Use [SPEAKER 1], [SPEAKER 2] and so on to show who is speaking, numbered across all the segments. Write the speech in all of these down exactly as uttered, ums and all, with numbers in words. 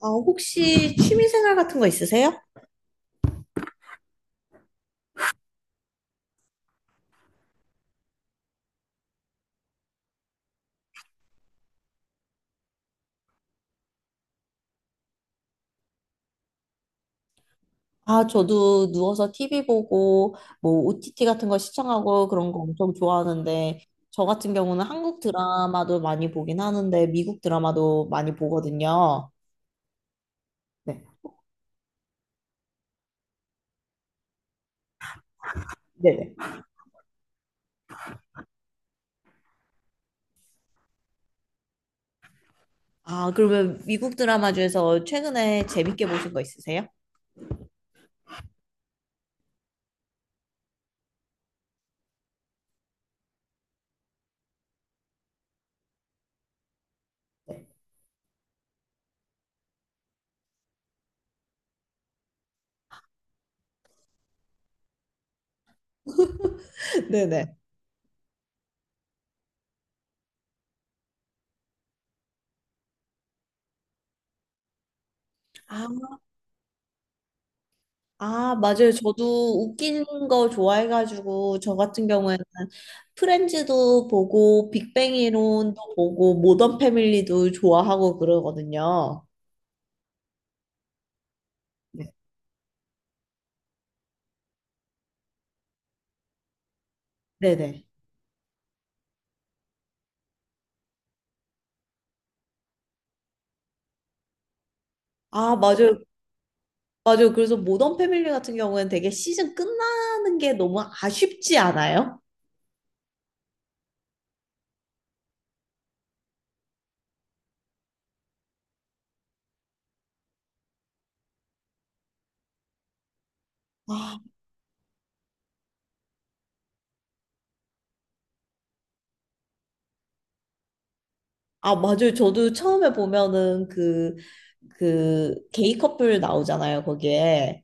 [SPEAKER 1] 아, 혹시 취미생활 같은 거 있으세요? 아, 저도 누워서 티비 보고, 뭐, 오티티 같은 거 시청하고 그런 거 엄청 좋아하는데, 저 같은 경우는 한국 드라마도 많이 보긴 하는데, 미국 드라마도 많이 보거든요. 네. 네네. 아, 그러면 미국 드라마 중에서 최근에 재밌게 보신 거 있으세요? 네네. 아, 아, 맞아요. 저도 웃긴 거 좋아해가지고, 저 같은 경우에는 프렌즈도 보고, 빅뱅 이론도 보고, 모던 패밀리도 좋아하고 그러거든요. 네. 네네. 아, 맞아요. 맞아요. 그래서 모던 패밀리 같은 경우에는 되게 시즌 끝나는 게 너무 아쉽지 않아요? 아, 아, 맞아요. 저도 처음에 보면은 그, 그, 게이 커플 나오잖아요, 거기에.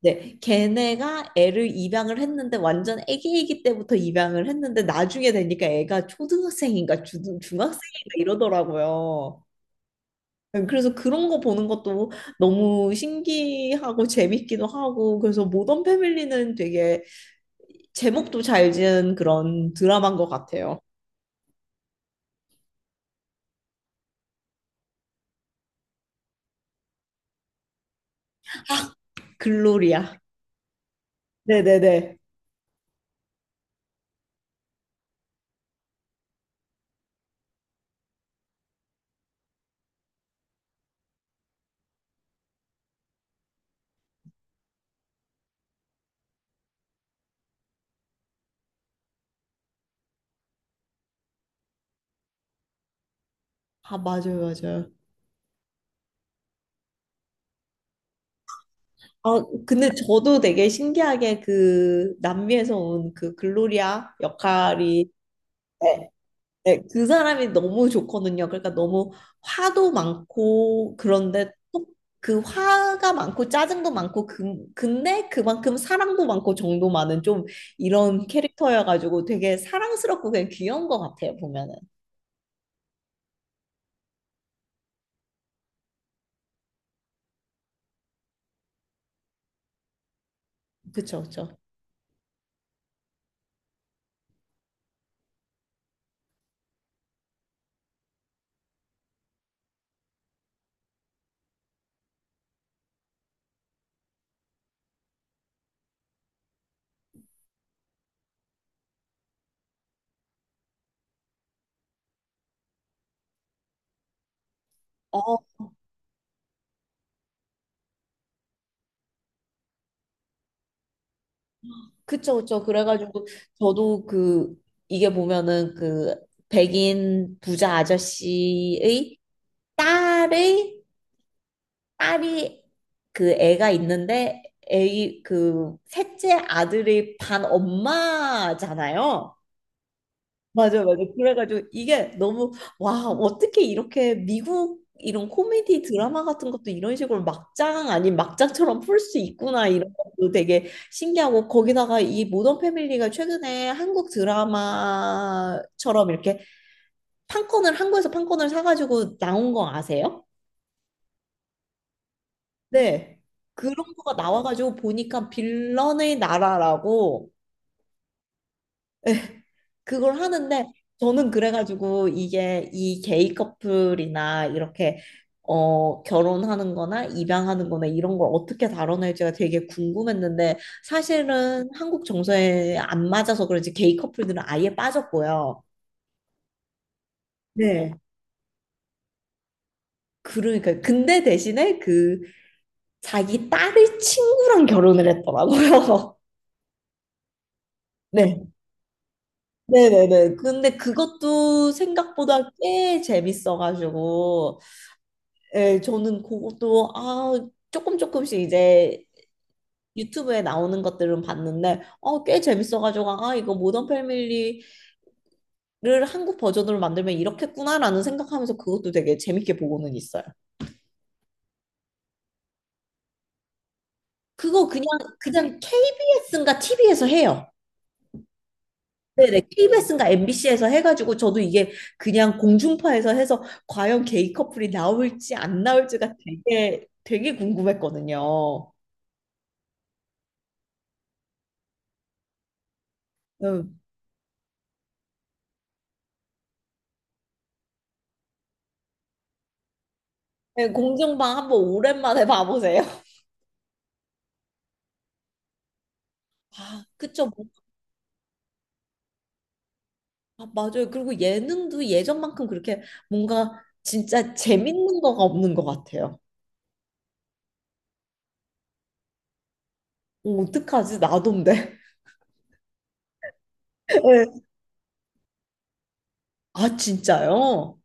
[SPEAKER 1] 네, 걔네가 애를 입양을 했는데 완전 애기애기 때부터 입양을 했는데 나중에 되니까 애가 초등학생인가 주, 중학생인가 이러더라고요. 음, 그래서 그런 거 보는 것도 너무 신기하고 재밌기도 하고 그래서 모던 패밀리는 되게 제목도 잘 지은 그런 드라마인 것 같아요. 글로리아. 네네네. 아, 맞아요, 맞아요. 아, 근데 저도 되게 신기하게 그 남미에서 온 그 글로리아 역할이, 네, 네, 그 사람이 너무 좋거든요. 그러니까 너무 화도 많고, 그런데 또 그 화가 많고, 짜증도 많고, 그, 근데 그만큼 사랑도 많고, 정도 많은 좀 이런 캐릭터여가지고 되게 사랑스럽고 그냥 귀여운 것 같아요, 보면은. 그쵸, 그쵸. 어, 그쵸, 그쵸. 그래가지고 저도 그, 이게 보면은 그 백인 부자 아저씨의 딸의 딸이 그 애가 있는데 애이 그 셋째 아들이 반 엄마잖아요. 맞아요, 맞아요. 그래가지고 이게 너무, 와, 어떻게 이렇게 미국 이런 코미디 드라마 같은 것도 이런 식으로 막장 아닌 막장처럼 풀 수 있구나 이런 것도 되게 신기하고 거기다가 이 모던 패밀리가 최근에 한국 드라마처럼 이렇게 판권을 한국에서 판권을 사가지고 나온 거 아세요? 네. 그런 거가 나와가지고 보니까 빌런의 나라라고 그걸 하는데 저는 그래가지고 이게 이 게이 커플이나 이렇게 어 결혼하는 거나 입양하는 거나 이런 걸 어떻게 다뤄낼지가 되게 궁금했는데 사실은 한국 정서에 안 맞아서 그런지 게이 커플들은 아예 빠졌고요. 네. 그러니까 근데 대신에 그 자기 딸의 친구랑 결혼을 했더라고요. 네. 네네네. 근데 그것도 생각보다 꽤 재밌어가지고, 예, 저는 그것도, 아, 조금 조금씩 이제 유튜브에 나오는 것들은 봤는데, 어, 꽤 재밌어가지고, 아, 이거 모던 패밀리를 한국 버전으로 만들면 이렇겠구나라는 생각하면서 그것도 되게 재밌게 보고는 있어요. 그거 그냥, 그냥 케이비에스인가 티비에서 해요. 네네. 케이비에스인가 엠비씨에서 해가지고 저도 이게 그냥 공중파에서 해서 과연 게이 커플이 나올지 안 나올지가 되게 되게 궁금했거든요. 음. 네, 공중파 한번 오랜만에 봐보세요. 아, 그쵸. 뭐, 아, 맞아요. 그리고 예능도 예전만큼 그렇게 뭔가 진짜 재밌는 거가 없는 것 같아요. 어, 어떡하지? 나돈데. 네. 아, 진짜요?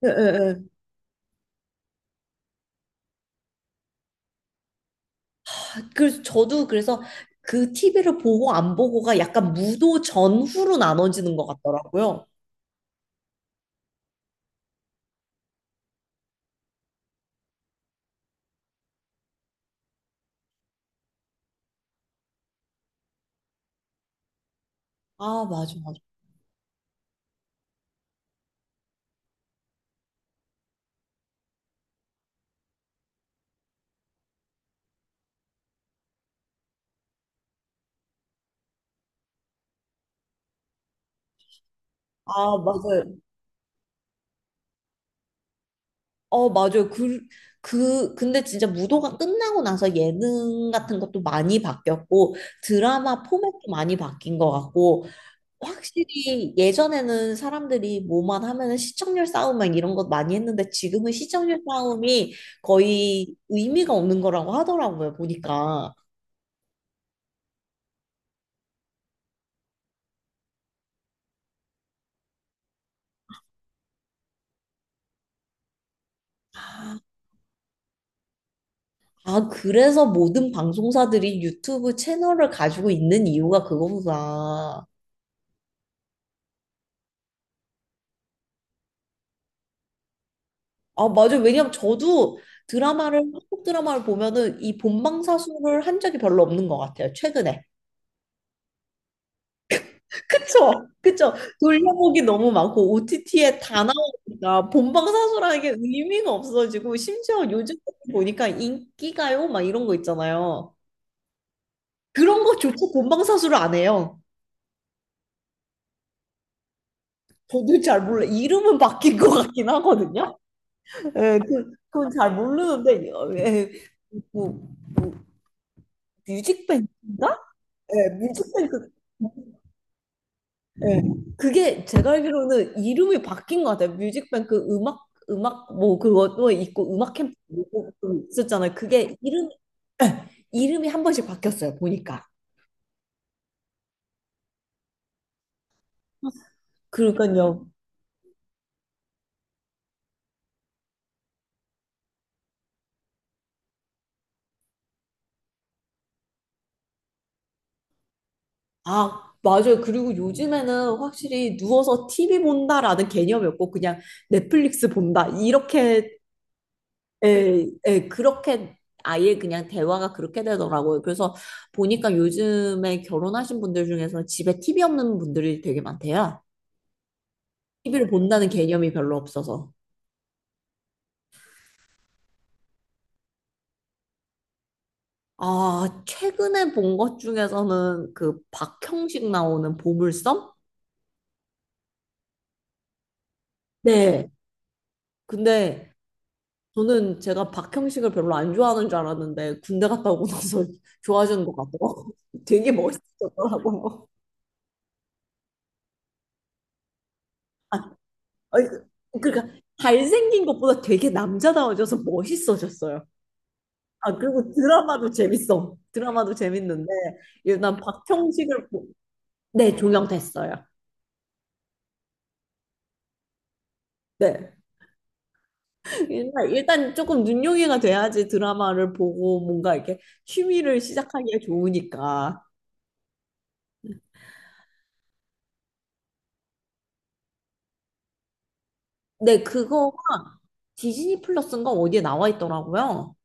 [SPEAKER 1] 네, 네, 네. 그래서 저도 그래서 그 티비를 보고 안 보고가 약간 무도 전후로 나눠지는 것 같더라고요. 아, 맞아, 맞아. 아, 맞아요. 어, 맞아요. 그, 그, 근데 진짜 무도가 끝나고 나서 예능 같은 것도 많이 바뀌었고, 드라마 포맷도 많이 바뀐 것 같고, 확실히 예전에는 사람들이 뭐만 하면은 시청률 싸움 막 이런 것 많이 했는데, 지금은 시청률 싸움이 거의 의미가 없는 거라고 하더라고요, 보니까. 아, 그래서 모든 방송사들이 유튜브 채널을 가지고 있는 이유가 그거구나. 아, 맞아요. 왜냐면 저도 드라마를, 한국 드라마를 보면은 이 본방사수를 한 적이 별로 없는 것 같아요, 최근에. 그쵸? 그쵸? 돌려보기 너무 많고, 오티티에 다 나오니까 본방사수라는 게 의미가 없어지고, 심지어 요즘 보니까 인기가요? 막 이런 거 있잖아요. 그런 거조차 본방사수를 안 해요. 저도 잘 몰라. 이름은 바뀐 것 같긴 하거든요. 예, 그, 그건 잘 모르는데, 예, 뭐, 뭐, 뮤직뱅크인가? 예, 뮤직뱅크. 예, 그게 제가 알기로는 이름이 바뀐 것 같아요. 뮤직뱅크 음악, 음악, 뭐, 그것도 있고, 음악 캠프 뭐 그거 있었잖아요. 그게 이름, 예, 이름이 한 번씩 바뀌었어요, 보니까. 그러니까요. 아, 맞아요. 그리고 요즘에는 확실히 누워서 티비 본다라는 개념이 없고, 그냥 넷플릭스 본다. 이렇게, 예, 예, 그렇게 아예 그냥 대화가 그렇게 되더라고요. 그래서 보니까 요즘에 결혼하신 분들 중에서 집에 티비 없는 분들이 되게 많대요. 티비를 본다는 개념이 별로 없어서. 아, 최근에 본 것 중에서는 그 박형식 나오는 보물섬? 네. 근데 저는 제가 박형식을 별로 안 좋아하는 줄 알았는데 군대 갔다 오고 나서 좋아지는 것 같더라고요. 되게 멋있었더라고요. 아니, 그- 그러니까 잘생긴 것보다 되게 남자다워져서 멋있어졌어요. 아, 그리고 드라마도 재밌어. 드라마도 재밌는데, 일단 박형식을, 보- 네, 종영됐어요. 네. 일단, 일단 조금 눈요기가 돼야지 드라마를 보고 뭔가 이렇게 취미를 시작하기에 좋으니까. 네, 그거가 디즈니 플러스인가 어디에 나와 있더라고요.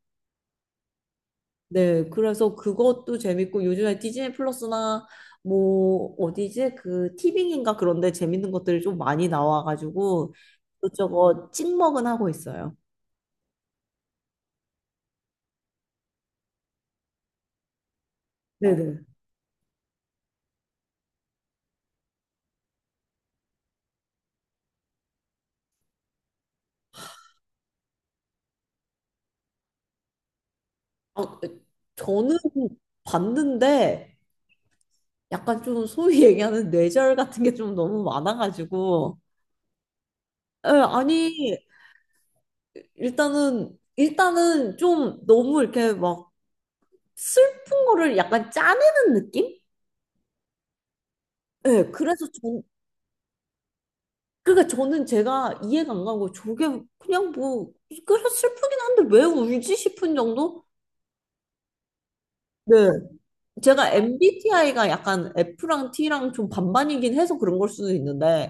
[SPEAKER 1] 네, 그래서 그것도 재밌고 요즘에 디즈니 플러스나 뭐 어디지? 그 티빙인가 그런데 재밌는 것들이 좀 많이 나와가지고 이것저것 찍먹은 하고 있어요. 네네. 아, 저는 봤는데 약간 좀 소위 얘기하는 뇌절 같은 게 좀 너무 많아가지고, 예, 아니 일단은 일단은 좀 너무 이렇게 막 슬픈 거를 약간 짜내는 느낌? 네, 그래서 그러니까 저는 제가 이해가 안 가고 저게 그냥 뭐 그래 슬프긴 한데 왜 울지 싶은 정도? 네. 제가 엠비티아이가 약간 F랑 T랑 좀 반반이긴 해서 그런 걸 수도 있는데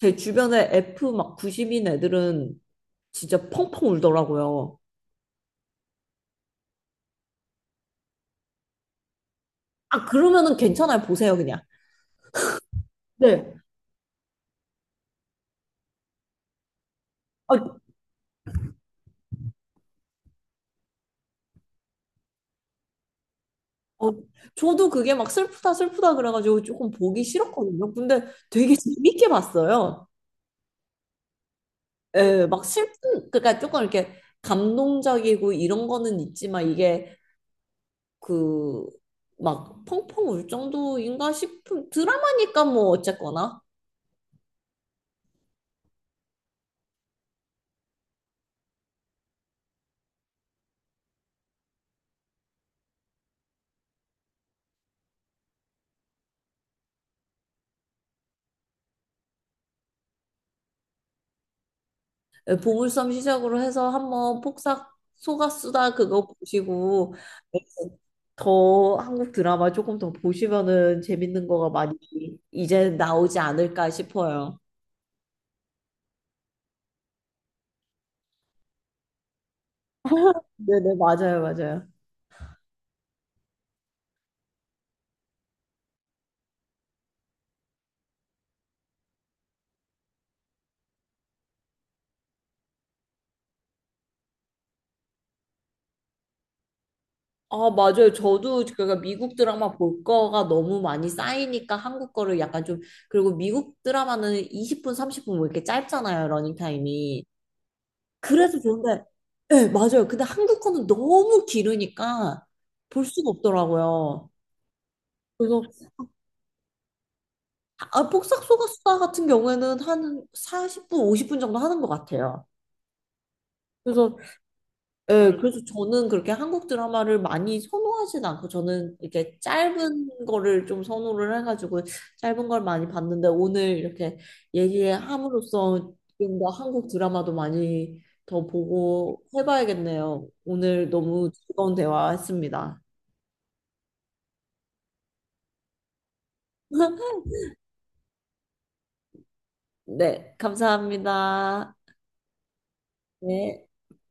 [SPEAKER 1] 제 주변에 F 막 구십인 애들은 진짜 펑펑 울더라고요. 아, 그러면은 괜찮아요, 보세요, 그냥. 네. 아, 어, 저도 그게 막 슬프다 슬프다 그래가지고 조금 보기 싫었거든요. 근데 되게 재밌게 봤어요. 예, 막 슬픈, 그러니까 조금 이렇게 감동적이고 이런 거는 있지만 이게 그 막 펑펑 울 정도인가 싶은 드라마니까 뭐 어쨌거나, 예, 보물섬 시작으로 해서 한번 폭삭 속아수다 그거 보시고, 예, 더 한국 드라마 조금 더 보시면은 재밌는 거가 많이 이제 나오지 않을까 싶어요. 네네, 맞아요, 맞아요. 아, 맞아요. 저도 그러니까 미국 드라마 볼 거가 너무 많이 쌓이니까 한국 거를 약간 좀, 그리고 미국 드라마는 이십 분, 삼십 분 뭐 이렇게 짧잖아요, 러닝타임이. 그래서 좋은데, 네, 맞아요. 근데 한국 거는 너무 길으니까 볼 수가 없더라고요. 그래서, 아, 폭삭 속았수다 같은 경우에는 한 사십 분, 오십 분 정도 하는 것 같아요. 그래서, 예, 그래서 저는 그렇게 한국 드라마를 많이 선호하진 않고 저는 이렇게 짧은 거를 좀 선호를 해가지고 짧은 걸 많이 봤는데 오늘 이렇게 얘기함으로써 좀 더 한국 드라마도 많이 더 보고 해봐야겠네요. 오늘 너무 즐거운 대화했습니다. 네, 감사합니다. 네.